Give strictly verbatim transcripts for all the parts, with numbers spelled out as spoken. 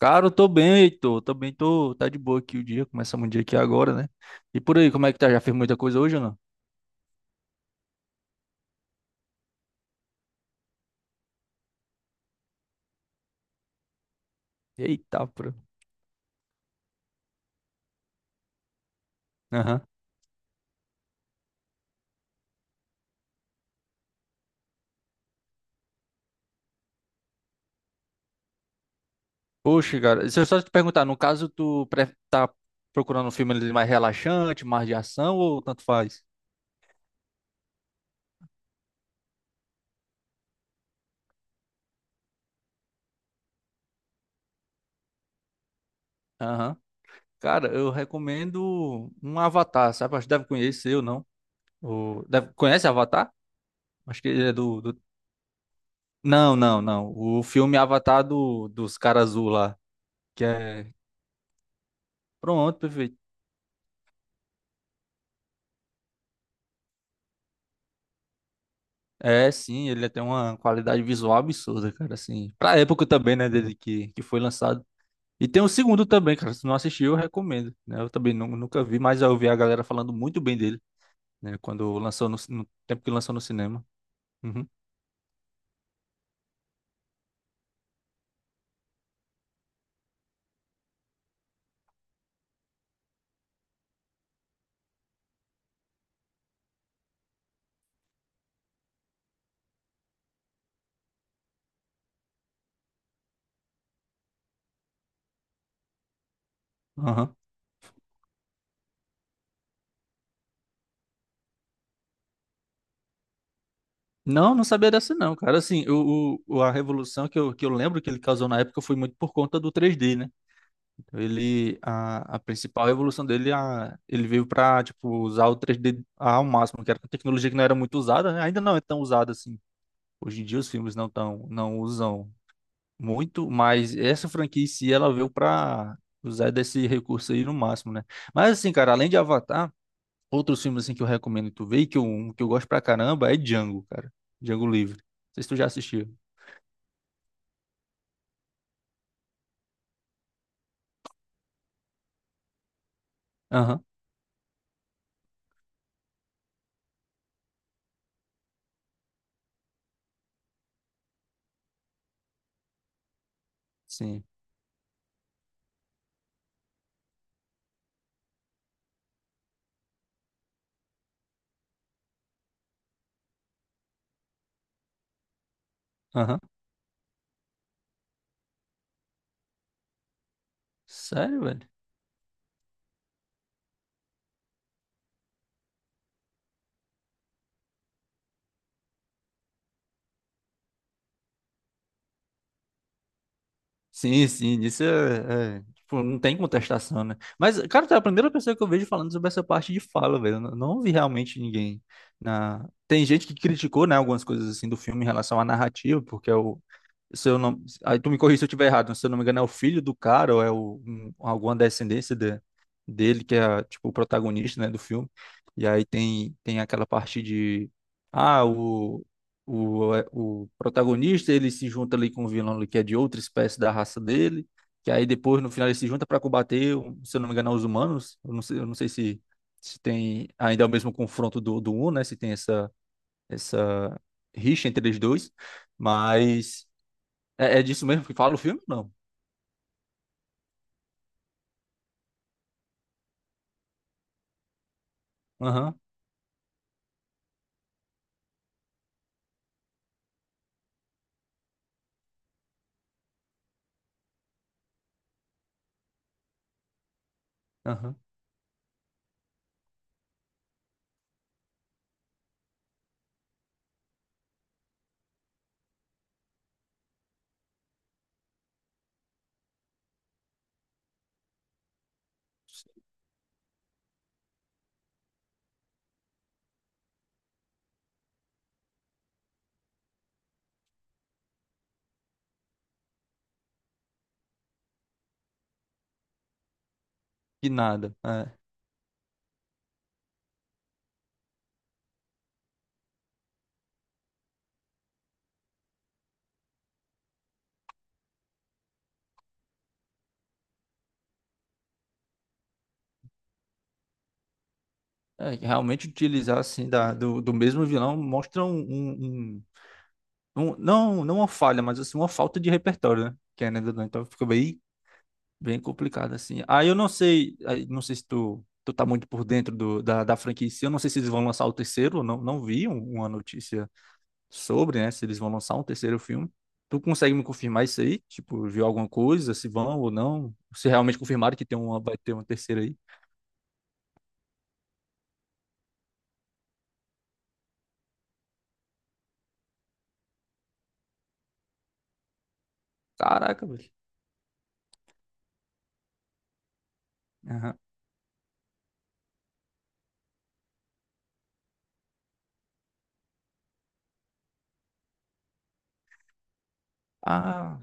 Cara, eu tô bem, Heitor. Tô bem, tô. Tá de boa aqui o dia. Começamos o dia aqui agora, né? E por aí, como é que tá? Já fez muita coisa hoje ou não? Eita, pô. Aham. Poxa, cara, se eu só te perguntar, no caso, tu pre- tá procurando um filme mais relaxante, mais de ação ou tanto faz? Aham. Cara, eu recomendo um Avatar, sabe? Acho que deve conhecer ou não. O... Deve... Conhece Avatar? Acho que ele é do, do- Não, não, não. O filme Avatar do... dos caras azul lá. Que é. Pronto, perfeito. É, sim, ele tem uma qualidade visual absurda, cara, assim. Pra época também, né, dele que, que foi lançado. E tem o segundo também, cara, se não assistiu, eu recomendo, né? Eu também nu- nunca vi, mas eu vi a galera falando muito bem dele, né, quando lançou no, ci- no tempo que lançou no cinema. Uhum. Aham. Não, não sabia dessa não, cara. Assim, o, o- o- a revolução que eu, que eu lembro que ele causou na época foi muito por conta do três D, né? Ele, a, a principal evolução dele, a, ele veio para tipo, usar o três D ao máximo, que era uma tecnologia que não era muito usada, né? Ainda não é tão usada assim. Hoje em dia os filmes não tão, não usam muito, mas essa franquia em si, ela veio para usar desse recurso aí no máximo, né? Mas assim, cara, além de Avatar, outros filmes assim que eu recomendo tu ver, e que eu, um que eu gosto pra caramba, é Django, cara. Django Livre. Não sei se tu já assistiu. Aham, sim. Aham. Sério, velho? Sim, sim, isso é, é, tipo, não tem contestação, né? Mas, cara, tu é a primeira pessoa que eu vejo falando sobre essa parte de fala, velho. Eu não, não vi realmente ninguém na... Tem gente que criticou, né, algumas coisas assim do filme em relação à narrativa, porque é o, se eu não, aí tu me corrija se eu estiver errado, mas se eu não me engano, é o filho do cara ou é o, um- alguma descendência de- Dele que é tipo o protagonista, né, do filme. E aí tem tem aquela parte de ah, o o, é- o protagonista, ele se junta ali com o vilão ali, que é de outra espécie da raça dele, que aí depois no final ele se junta para combater, um, se eu não me engano, é os humanos. Eu não sei, eu não sei se se tem ainda é o mesmo confronto do do um né, se tem essa essa rixa entre eles dois, mas é, é disso mesmo que fala o filme? Não. Aham, aham. Que nada. É, é, que realmente utilizar assim da, do, do mesmo vilão mostra um, um- um- um- não, não uma falha, mas assim uma falta de repertório, né? Querendo ou não, então fica bem, bem complicado assim. Aí eu não sei, aí não sei se tu, tu tá muito por dentro do, da, da franquia em si, eu não sei se eles vão lançar o terceiro, eu não, não vi um- uma notícia sobre, né? Se eles vão lançar um terceiro filme. Tu consegue me confirmar isso aí? Tipo, viu alguma coisa, se vão ou não? Se realmente confirmaram que tem uma, vai ter uma terceira aí? Caraca, velho. Aham. Ah,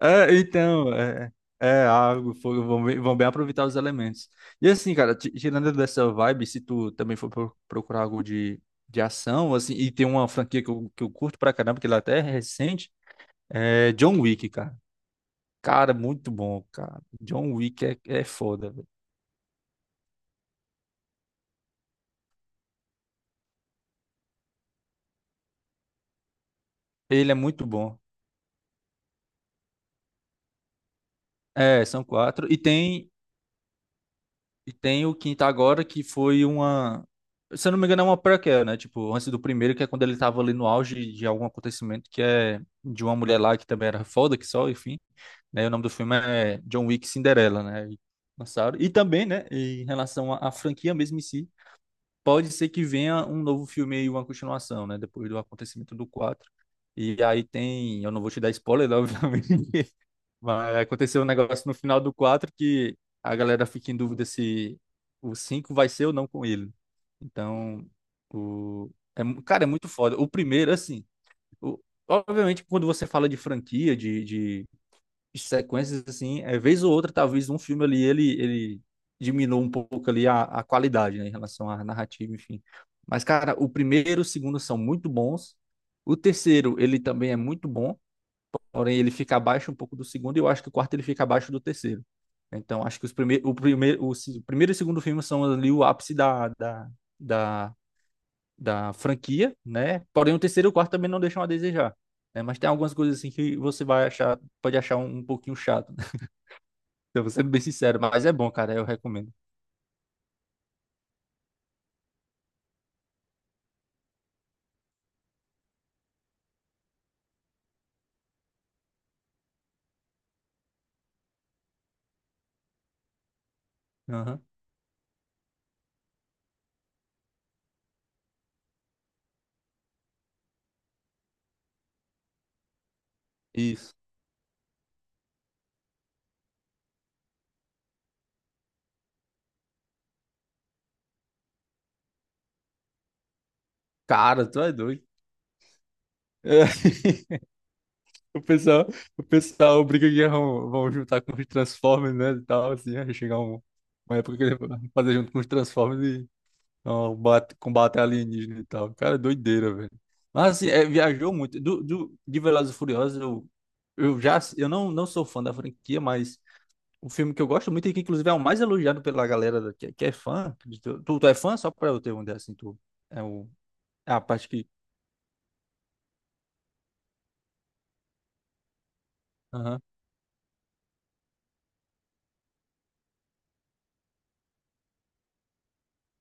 é, então, é, é algo, foi- vão, bem- vão bem aproveitar os elementos. E assim, cara, ti- tirando dessa vibe, se tu também for pro- procurar algo de, de ação, assim, e tem uma franquia que eu, que eu curto pra caramba, que ela até é recente, é John Wick, cara. Cara, muito bom, cara. John Wick é, é foda. Ele é muito bom. É, são quatro. E tem, e tem o quinto agora, que foi uma. Se eu não me engano, é uma prequel, né? Tipo, antes do primeiro, que é quando ele tava ali no auge de algum acontecimento, que é de uma mulher lá que também era foda, que só, enfim. Né? E o nome do filme é John Wick Cinderela, né? E lançaram. E também, né? Em relação à à franquia mesmo em si, pode ser que venha um novo filme aí, uma continuação, né? Depois do acontecimento do quatro. E aí tem. Eu não vou te dar spoiler, né, obviamente. Mas aconteceu um negócio no final do quatro que a galera fica em dúvida se o cinco vai ser ou não com ele. Então, o... é, mu- cara, é muito foda. O primeiro, assim, o- obviamente, quando você fala de franquia, de, de sequências, assim, é vez ou outra, talvez um filme ali, ele, ele diminua um pouco ali a, a qualidade, né, em relação à narrativa, enfim. Mas, cara, o primeiro e o segundo são muito bons. O terceiro, ele também é muito bom. Porém, ele fica abaixo um pouco do segundo e eu acho que o quarto ele fica abaixo do terceiro. Então, acho que os primeir, o, primeiro, o, se- o primeiro e o segundo filme são ali o ápice da, da, da, da franquia, né? Porém, o terceiro e o quarto também não deixam a desejar, né? Mas tem algumas coisas assim que você vai achar, pode achar um, um pouquinho chato, né? Eu vou sendo bem sincero, mas é bom, cara, eu recomendo. Aham. Isso. Cara, tu é doido. O pessoal, o pessoal briga que vão, vão juntar com os Transformers, né? E tal, assim, aí chegar um, uma época que eles vão fazer junto com os Transformers e ó, bate- combate alienígena e tal. Cara, doideira, velho. Mas assim, é, viajou muito. Do, do, de Velozes e Furiosos, eu, eu já eu não, não sou fã da franquia, mas o filme que eu gosto muito e que, inclusive, é o mais elogiado pela galera da- que, que é fã. Tu, tu, tu é fã? Só pra eu ter uma ideia assim, tu. É, o, é a parte que. Aham.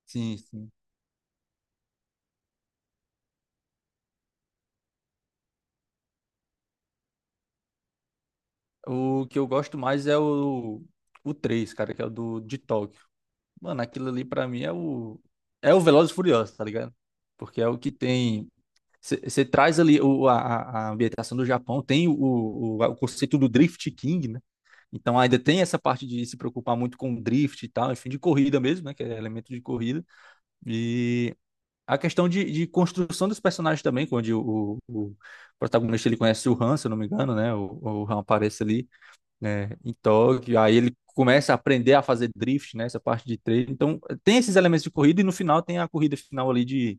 Sim, sim. O que eu gosto mais é o, o três cara, que é o do de Tóquio. Mano, aquilo ali pra mim é o é o Velozes e Furiosos, tá ligado? Porque é o que tem você traz ali o, a, a a ambientação do Japão, tem o, o, o conceito do Drift King, né? Então ainda tem essa parte de se preocupar muito com o drift e tal, enfim, de corrida mesmo, né? Que é elemento de corrida. E a questão de, de construção dos personagens também, onde o, o, o protagonista ele conhece o Han, se eu não me engano, né? O, o Han aparece ali né, em Tóquio, aí ele começa a aprender a fazer drift, né, essa parte de treino. Então, tem esses elementos de corrida e no final tem a corrida final ali de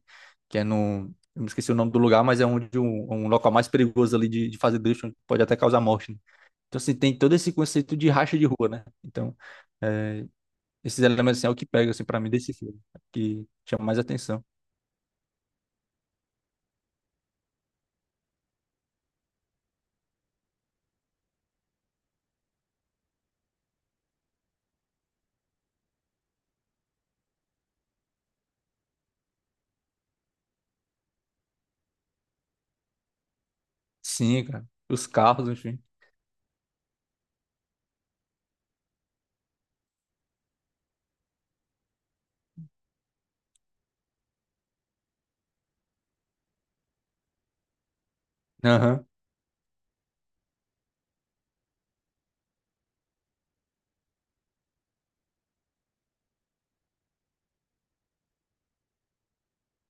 que é no eu me esqueci o nome do lugar, mas é onde um, um local mais perigoso ali de, de fazer drift, onde pode até causar morte, né? Então, assim, tem todo esse conceito de racha de rua, né? Então, esses elementos, assim, é o que pega, assim, pra mim, desse filme, que chama mais atenção. Sim, cara. Os carros, enfim.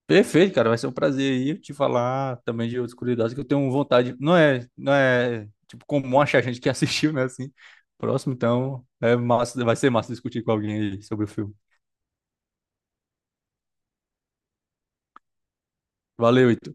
Perfeito, cara. Vai ser um prazer aí te falar também de outras curiosidades que eu tenho vontade. Não é, não é tipo comum achar gente que assistiu, né? Assim, próximo, então é massa, vai ser massa discutir com alguém aí sobre o filme. Valeu, Ito.